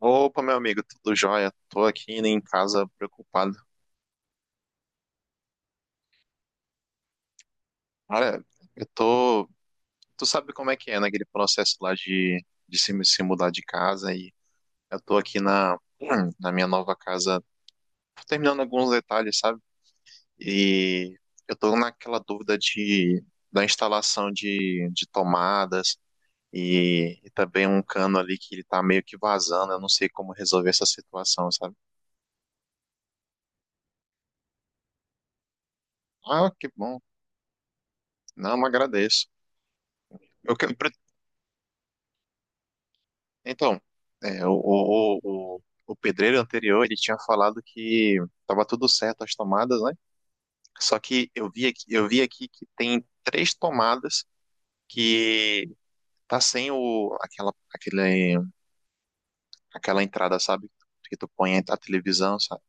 Opa, meu amigo, tudo jóia? Tô aqui, né, em casa preocupado. Olha, eu tô. Tu sabe como é que é, né? Aquele processo lá de se mudar de casa. E eu tô aqui na minha nova casa, tô terminando alguns detalhes, sabe? E eu tô naquela dúvida de, da instalação de tomadas e também um cano ali que ele tá meio que vazando. Eu não sei como resolver essa situação, sabe? Ah, que bom. Não, agradeço. Eu, que- Então, o pedreiro anterior, ele tinha falado que estava tudo certo as tomadas, né? Só que eu vi aqui que tem três tomadas que tá sem aquela entrada, sabe? Que tu põe a televisão, sabe?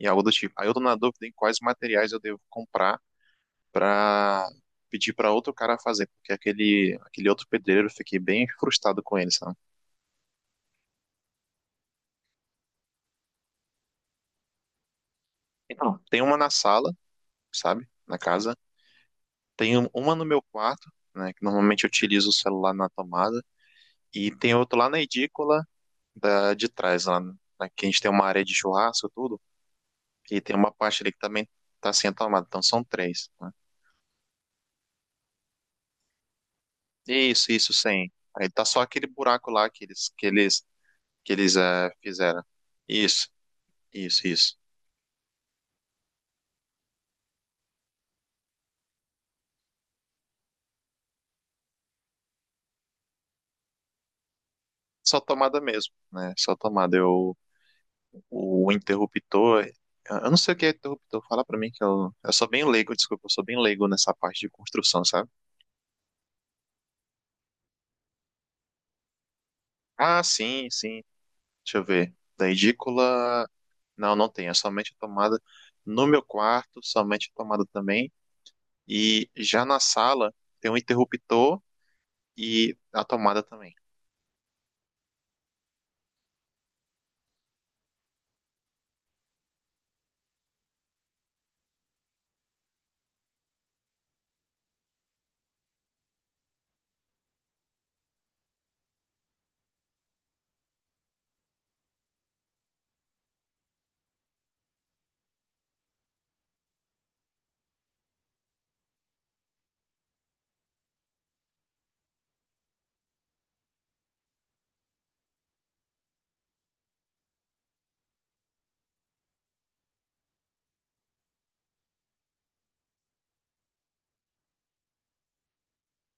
E algo do tipo. Aí eu tô na dúvida em quais materiais eu devo comprar pra pedir pra outro cara fazer, porque aquele outro pedreiro eu fiquei bem frustrado com ele, sabe? Então, tem uma na sala, sabe? Na casa. Tenho uma no meu quarto, né, que normalmente eu utilizo o celular na tomada, e tem outra lá na edícula de trás, lá, na- que a gente tem uma área de churrasco e tudo, e tem uma parte ali que também tá sem a tomada, então são três, né? Isso, sem. Aí tá só aquele buraco lá que fizeram. Isso, isso, isso. Só tomada mesmo, né? Só tomada. O interruptor, eu não sei o que é interruptor, fala pra mim que eu sou bem leigo, desculpa, eu sou bem leigo nessa parte de construção, sabe? Ah, sim, sim. Deixa eu ver. Da edícula. Não, não tem. É somente a tomada. No meu quarto, somente a tomada também. E já na sala tem um interruptor e a tomada também.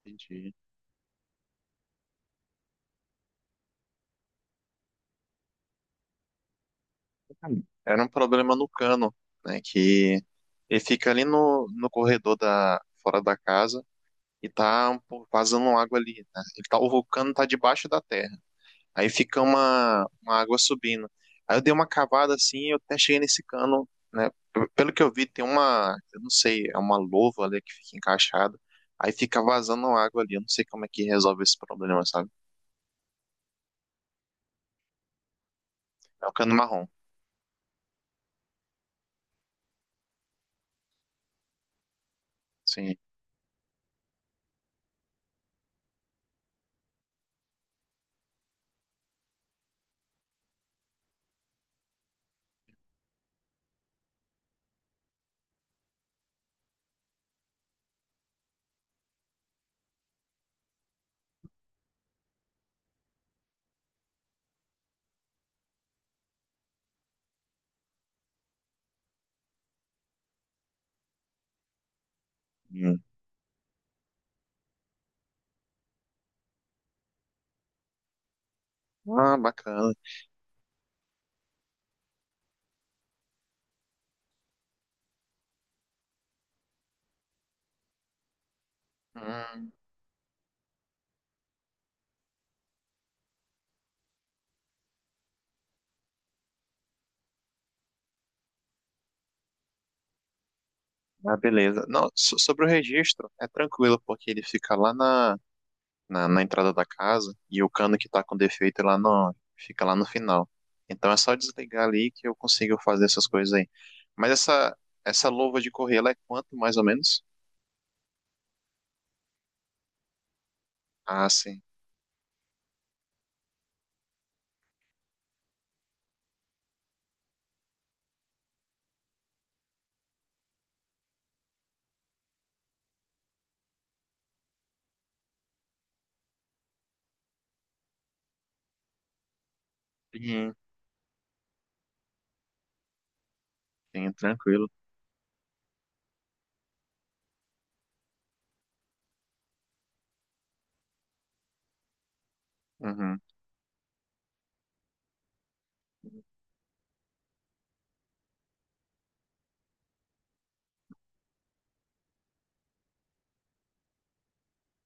Entendi. Era um problema no cano, né? Que ele fica ali no corredor da, fora da casa e tá um pouco vazando água ali, né? Ele tá, o cano tá debaixo da terra. Aí fica uma água subindo. Aí eu dei uma cavada assim, eu até cheguei nesse cano, né? P- Pelo que eu vi, tem uma, eu não sei, é uma louva ali que fica encaixada. Aí fica vazando água ali. Eu não sei como é que resolve esse problema, sabe? É um cano marrom. Sim. Hum. Ah, bacana. Hum. Ah, beleza. Não, so- sobre o registro, é tranquilo, porque ele fica lá na entrada da casa e o cano que tá com defeito lá não fica lá no final. Então é só desligar ali que eu consigo fazer essas coisas aí. Mas essa luva de correr, ela é quanto mais ou menos? Ah, sim. Sim, sim, tranquilo. Uhum.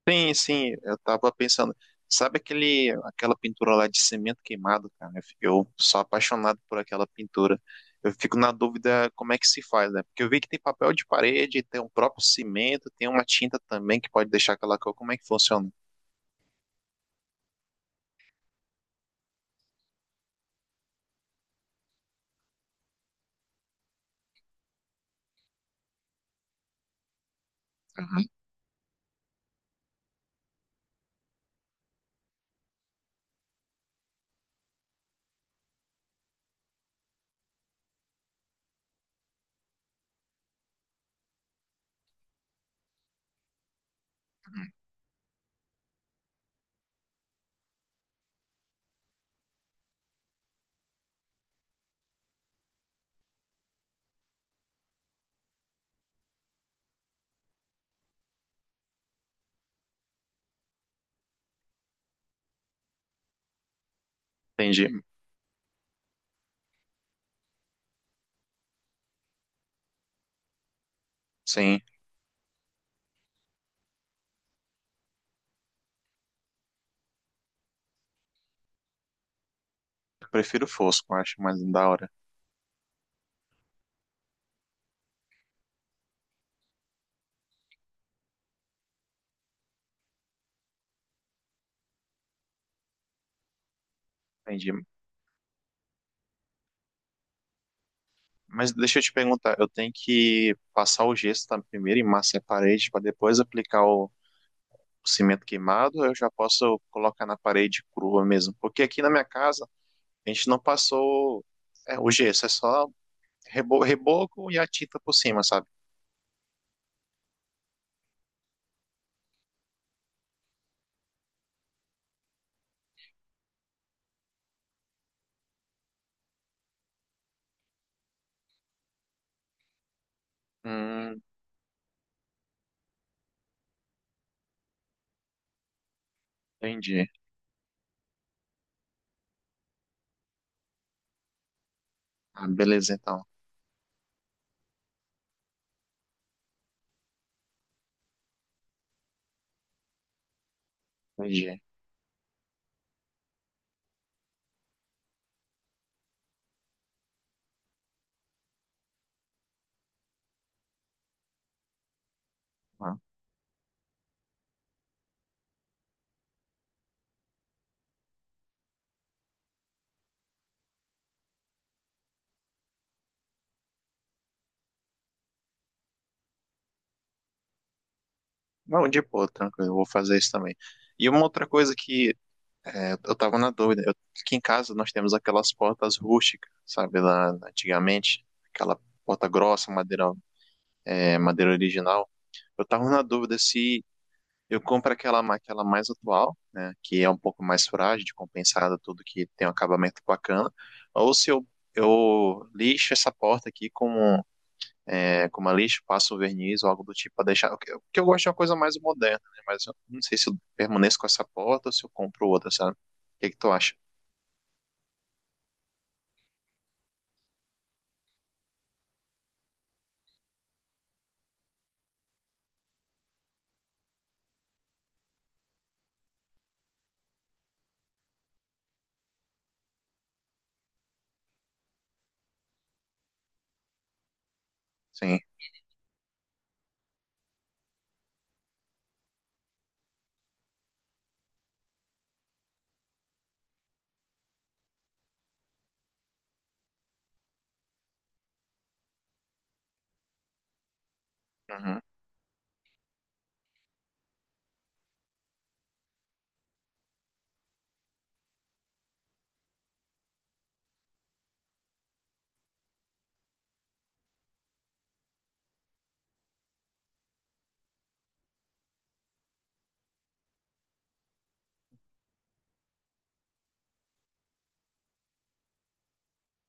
Sim, sim, eu tava pensando. Sabe aquela pintura lá de cimento queimado, cara? Eu sou apaixonado por aquela pintura. Eu fico na dúvida como é que se faz, né? Porque eu vi que tem papel de parede, tem um próprio cimento, tem uma tinta também que pode deixar aquela cor. Como é que funciona? Entendi. Sim, eu prefiro fosco, eu acho mais da hora. Entendi. Mas deixa eu te perguntar, eu tenho que passar o gesso tá, primeiro e massa a parede para depois aplicar o cimento queimado, eu já posso colocar na parede crua mesmo. Porque aqui na minha casa, a gente não passou, o gesso, é só rebo- reboco e a tinta por cima, sabe? Hum, entendi. Ah, beleza, então. Entendi. Ah, não, de boa, tranquilo, eu vou fazer isso também. E uma outra coisa que, eu tava na dúvida, aqui em casa nós temos aquelas portas rústicas, sabe, lá antigamente, aquela porta grossa, madeira, madeira original. Eu tava na dúvida se eu compro aquela, ma- aquela mais atual, né, que é um pouco mais frágil, de compensada, tudo que tem um acabamento bacana. Ou se eu lixo essa porta aqui com, com uma lixa, passo um verniz ou algo do tipo para deixar. O que eu gosto é uma coisa mais moderna, né, mas eu não sei se eu permaneço com essa porta ou se eu compro outra, sabe? O que tu acha? Sim. Uhum.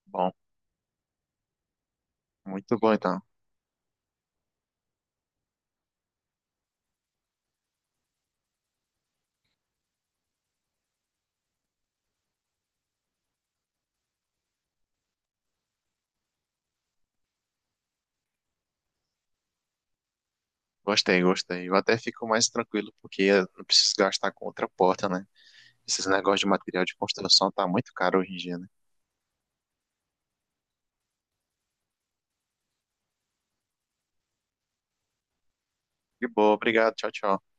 Bom, muito bom então. Gostei, gostei. Eu até fico mais tranquilo porque eu não preciso gastar com outra porta, né? Esses negócios de material de construção tá muito caro hoje em dia, né? De boa, obrigado. Tchau, tchau.